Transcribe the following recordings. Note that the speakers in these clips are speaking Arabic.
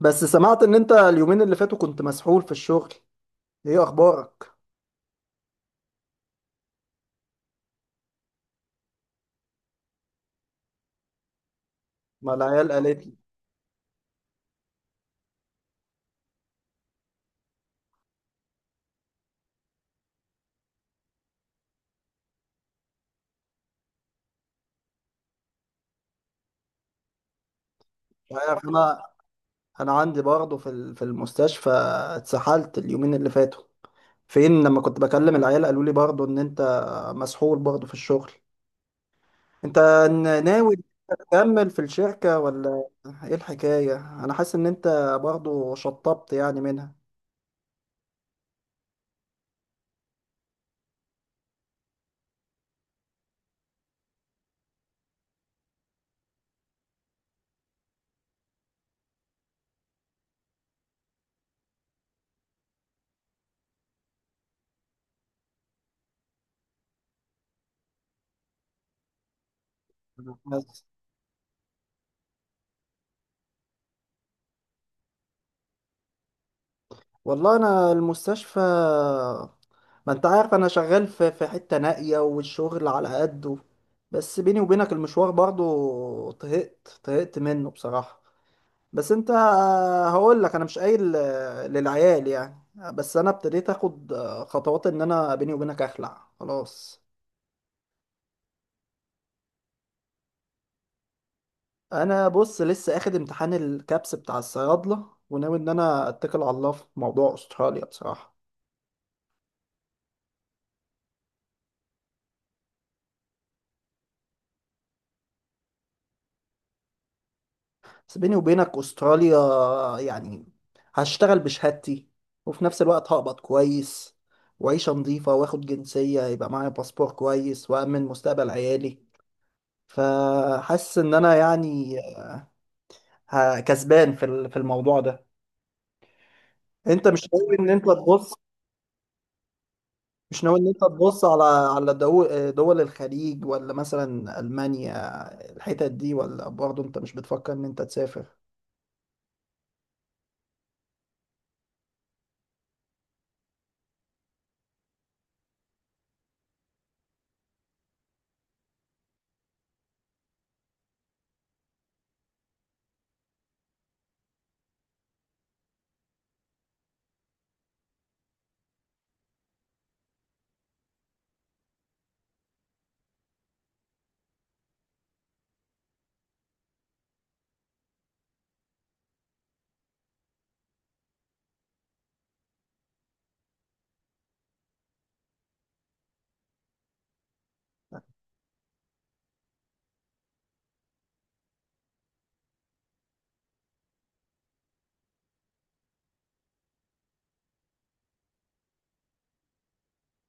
بس سمعت ان انت اليومين اللي فاتوا كنت مسحول في الشغل. ايه اخبارك؟ ما العيال قالت لي. مش عارف انا. انا عندي برضه في المستشفى، اتسحلت اليومين اللي فاتوا. فين لما كنت بكلم العيال قالوا لي برضه ان انت مسحول برضه في الشغل. انت ناوي تكمل في الشركة ولا ايه الحكاية؟ انا حاسس ان انت برضه شطبت يعني منها. أنا حاسس. والله انا المستشفى، ما انت عارف انا شغال في حتة نائية والشغل على قده. بس بيني وبينك المشوار برضو طهقت منه بصراحة. بس انت هقول لك انا مش قايل للعيال يعني. بس انا ابتديت اخد خطوات ان انا بيني وبينك اخلع خلاص. انا بص لسه اخد امتحان الكابس بتاع الصيادلة وناوي ان انا اتكل على الله في موضوع استراليا بصراحة. بس بيني وبينك استراليا يعني هشتغل بشهادتي، وفي نفس الوقت هقبض كويس وعيشة نظيفة واخد جنسية يبقى معايا باسبور كويس وأمن مستقبل عيالي. فحاسس إن أنا يعني كسبان في الموضوع ده. أنت مش ناوي إن أنت تبص، مش ناوي إن أنت تبص على دول الخليج ولا مثلا ألمانيا، الحتت دي؟ ولا برضه أنت مش بتفكر إن أنت تسافر؟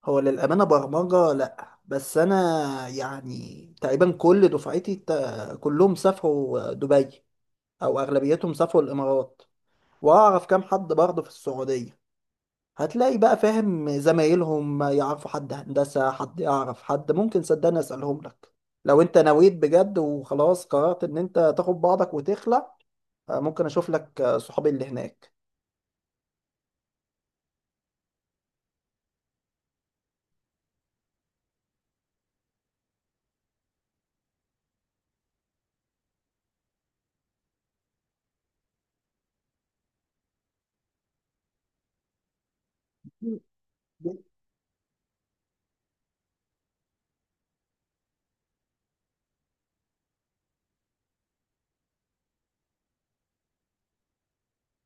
هو للأمانة برمجة لأ، بس أنا يعني تقريبا كل دفعتي كلهم سافروا دبي، أو أغلبيتهم سافروا الإمارات، وأعرف كام حد برضه في السعودية. هتلاقي بقى فاهم زمايلهم يعرفوا حد هندسة، حد يعرف حد، ممكن صدقني أسألهم لك. لو أنت نويت بجد وخلاص قررت إن أنت تاخد بعضك وتخلع، ممكن أشوف لك صحابي اللي هناك.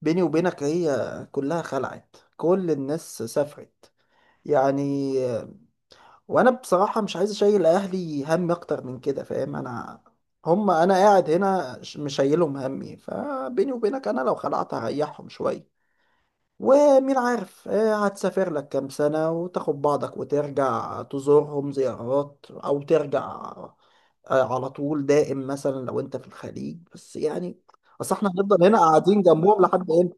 بيني وبينك هي كلها خلعت، كل الناس سافرت يعني. وانا بصراحة مش عايز اشيل اهلي هم اكتر من كده، فاهم انا؟ هم انا قاعد هنا مش شايلهم همي، فبيني وبينك انا لو خلعت هريحهم شوية. ومين عارف، هتسافر لك كام سنة وتاخد بعضك وترجع تزورهم زيارات، او ترجع على طول دائم مثلا لو انت في الخليج بس يعني. اصل احنا هنفضل هنا قاعدين جنبهم لحد امتى؟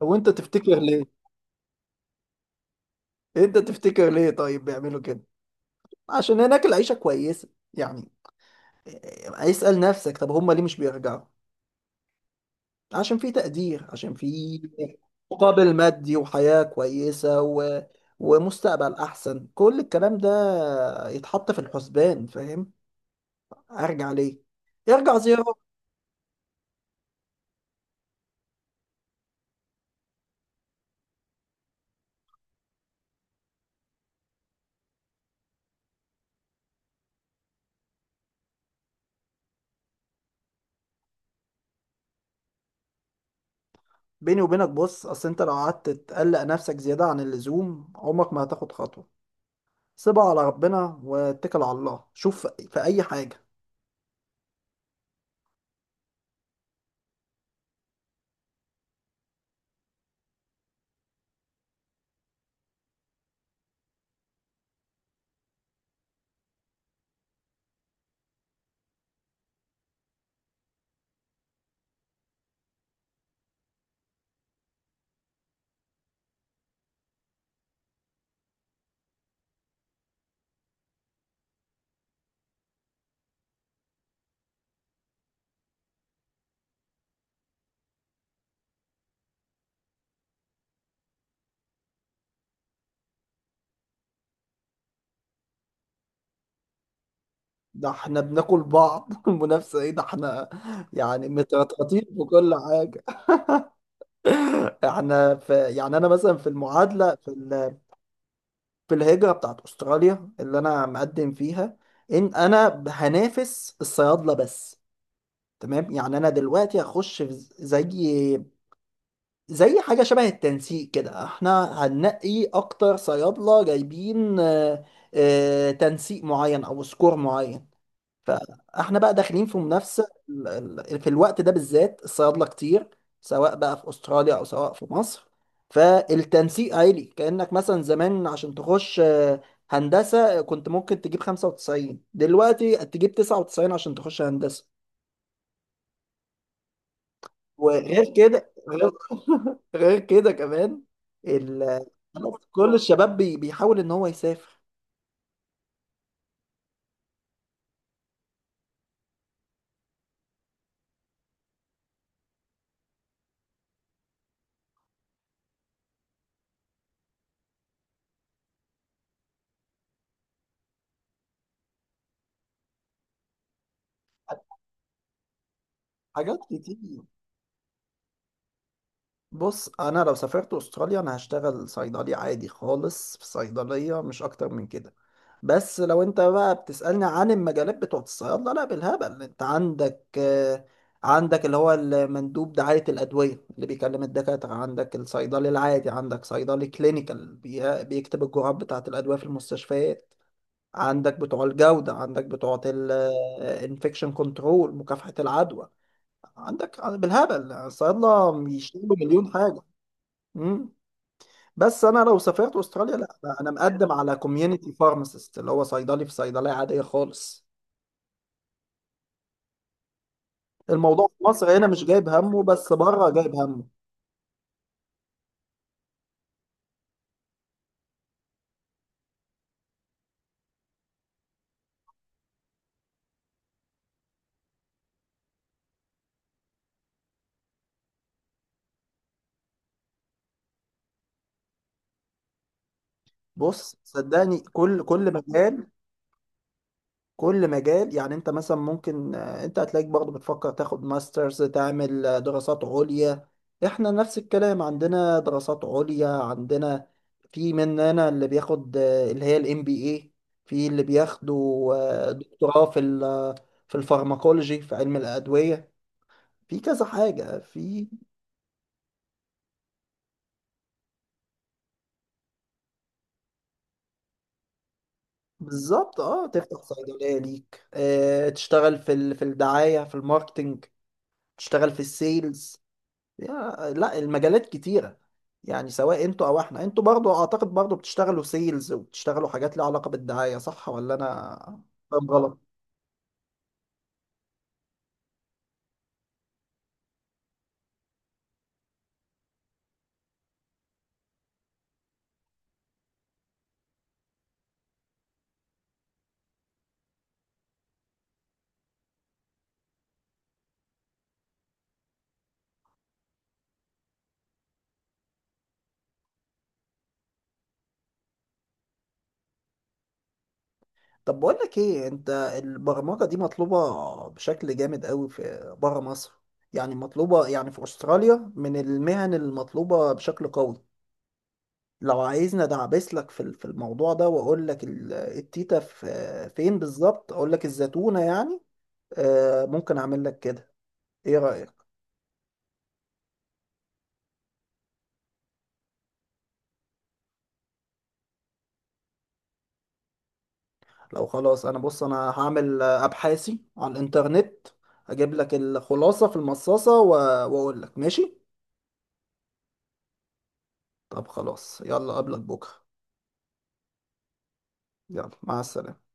وانت تفتكر ليه؟ انت تفتكر ليه طيب بيعملوا كده؟ عشان هناك العيشة كويسة يعني. اسأل نفسك، طب هم ليه مش بيرجعوا؟ عشان في تقدير، عشان في مقابل مادي وحياة كويسة و... ومستقبل أحسن، كل الكلام ده يتحط في الحسبان، فاهم؟ أرجع ليه؟ ارجع زيرو. بيني وبينك بص، أصل أنت لو قعدت تقلق نفسك زيادة عن اللزوم عمرك ما هتاخد خطوة. سيبها على ربنا واتكل على الله، شوف في أي حاجة. ده احنا بناكل بعض المنافسة ايه، ده احنا يعني مترطرطين في كل حاجة. احنا في يعني انا مثلا في المعادله في الهجره بتاعت استراليا اللي انا مقدم فيها، ان انا هنافس الصيادله بس، تمام؟ يعني انا دلوقتي هخش في زي زي حاجه شبه التنسيق كده، احنا هننقي اكتر صيادله جايبين تنسيق معين او سكور معين. فاحنا بقى داخلين في منافسه في الوقت ده بالذات الصيادله كتير، سواء بقى في استراليا او سواء في مصر. فالتنسيق عالي، كانك مثلا زمان عشان تخش هندسه كنت ممكن تجيب 95، دلوقتي تجيب 99 عشان تخش هندسه. وغير كده غير, غير كده كمان ال... كل الشباب بيحاول ان هو يسافر. حاجات كتير. بص انا لو سافرت استراليا انا هشتغل صيدلي عادي خالص في صيدليه، مش اكتر من كده. بس لو انت بقى بتسالني عن المجالات بتوعه الصيادله، لا بالهبل. انت عندك عندك اللي هو المندوب دعايه الادويه اللي بيكلم الدكاتره، عندك الصيدلي العادي، عندك صيدلي كلينيكال بيكتب الجرعات بتاعه الادويه في المستشفيات، عندك بتوع الجوده، عندك بتوع الانفكشن كنترول مكافحه العدوى، عندك بالهبل الصيادله بيشتغلوا مليون حاجه. مم. بس انا لو سافرت استراليا لا لا، انا مقدم على كوميونتي فارماسيست، اللي هو صيدلي في صيدليه عاديه خالص. الموضوع في مصر هنا مش جايب همه، بس بره جايب همه. بص صدقني كل مكان، كل مجال، يعني انت مثلا ممكن انت هتلاقيك برضه بتفكر تاخد ماسترز، تعمل دراسات عليا. احنا نفس الكلام، عندنا دراسات عليا، عندنا في مننا اللي بياخد اللي هي الام بي اي، في اللي بياخدوا دكتوراه في الفارماكولوجي، في علم الأدوية، في كذا حاجة في. بالظبط، اه تفتح صيدلية ليك، تشتغل في الدعاية، في الماركتينج، تشتغل في السيلز. لا المجالات كتيرة، يعني سواء انتوا او احنا. انتوا برضو اعتقد برضو بتشتغلوا سيلز وبتشتغلوا حاجات ليها علاقة بالدعاية، صح ولا انا فاهم غلط؟ طب بقول لك ايه، انت البرمجة دي مطلوبة بشكل جامد قوي في بره مصر، يعني مطلوبة يعني في استراليا من المهن المطلوبة بشكل قوي. لو عايزني ادعبس لك في في الموضوع ده واقول لك التيتا في فين بالظبط، اقول لك الزتونة يعني. ممكن اعمل لك كده، ايه رأيك؟ لو خلاص انا بص انا هعمل ابحاثي على الانترنت، اجيب لك الخلاصة في المصاصة واقول لك ماشي. طب خلاص يلا قبلك بكرة. يلا مع السلامة.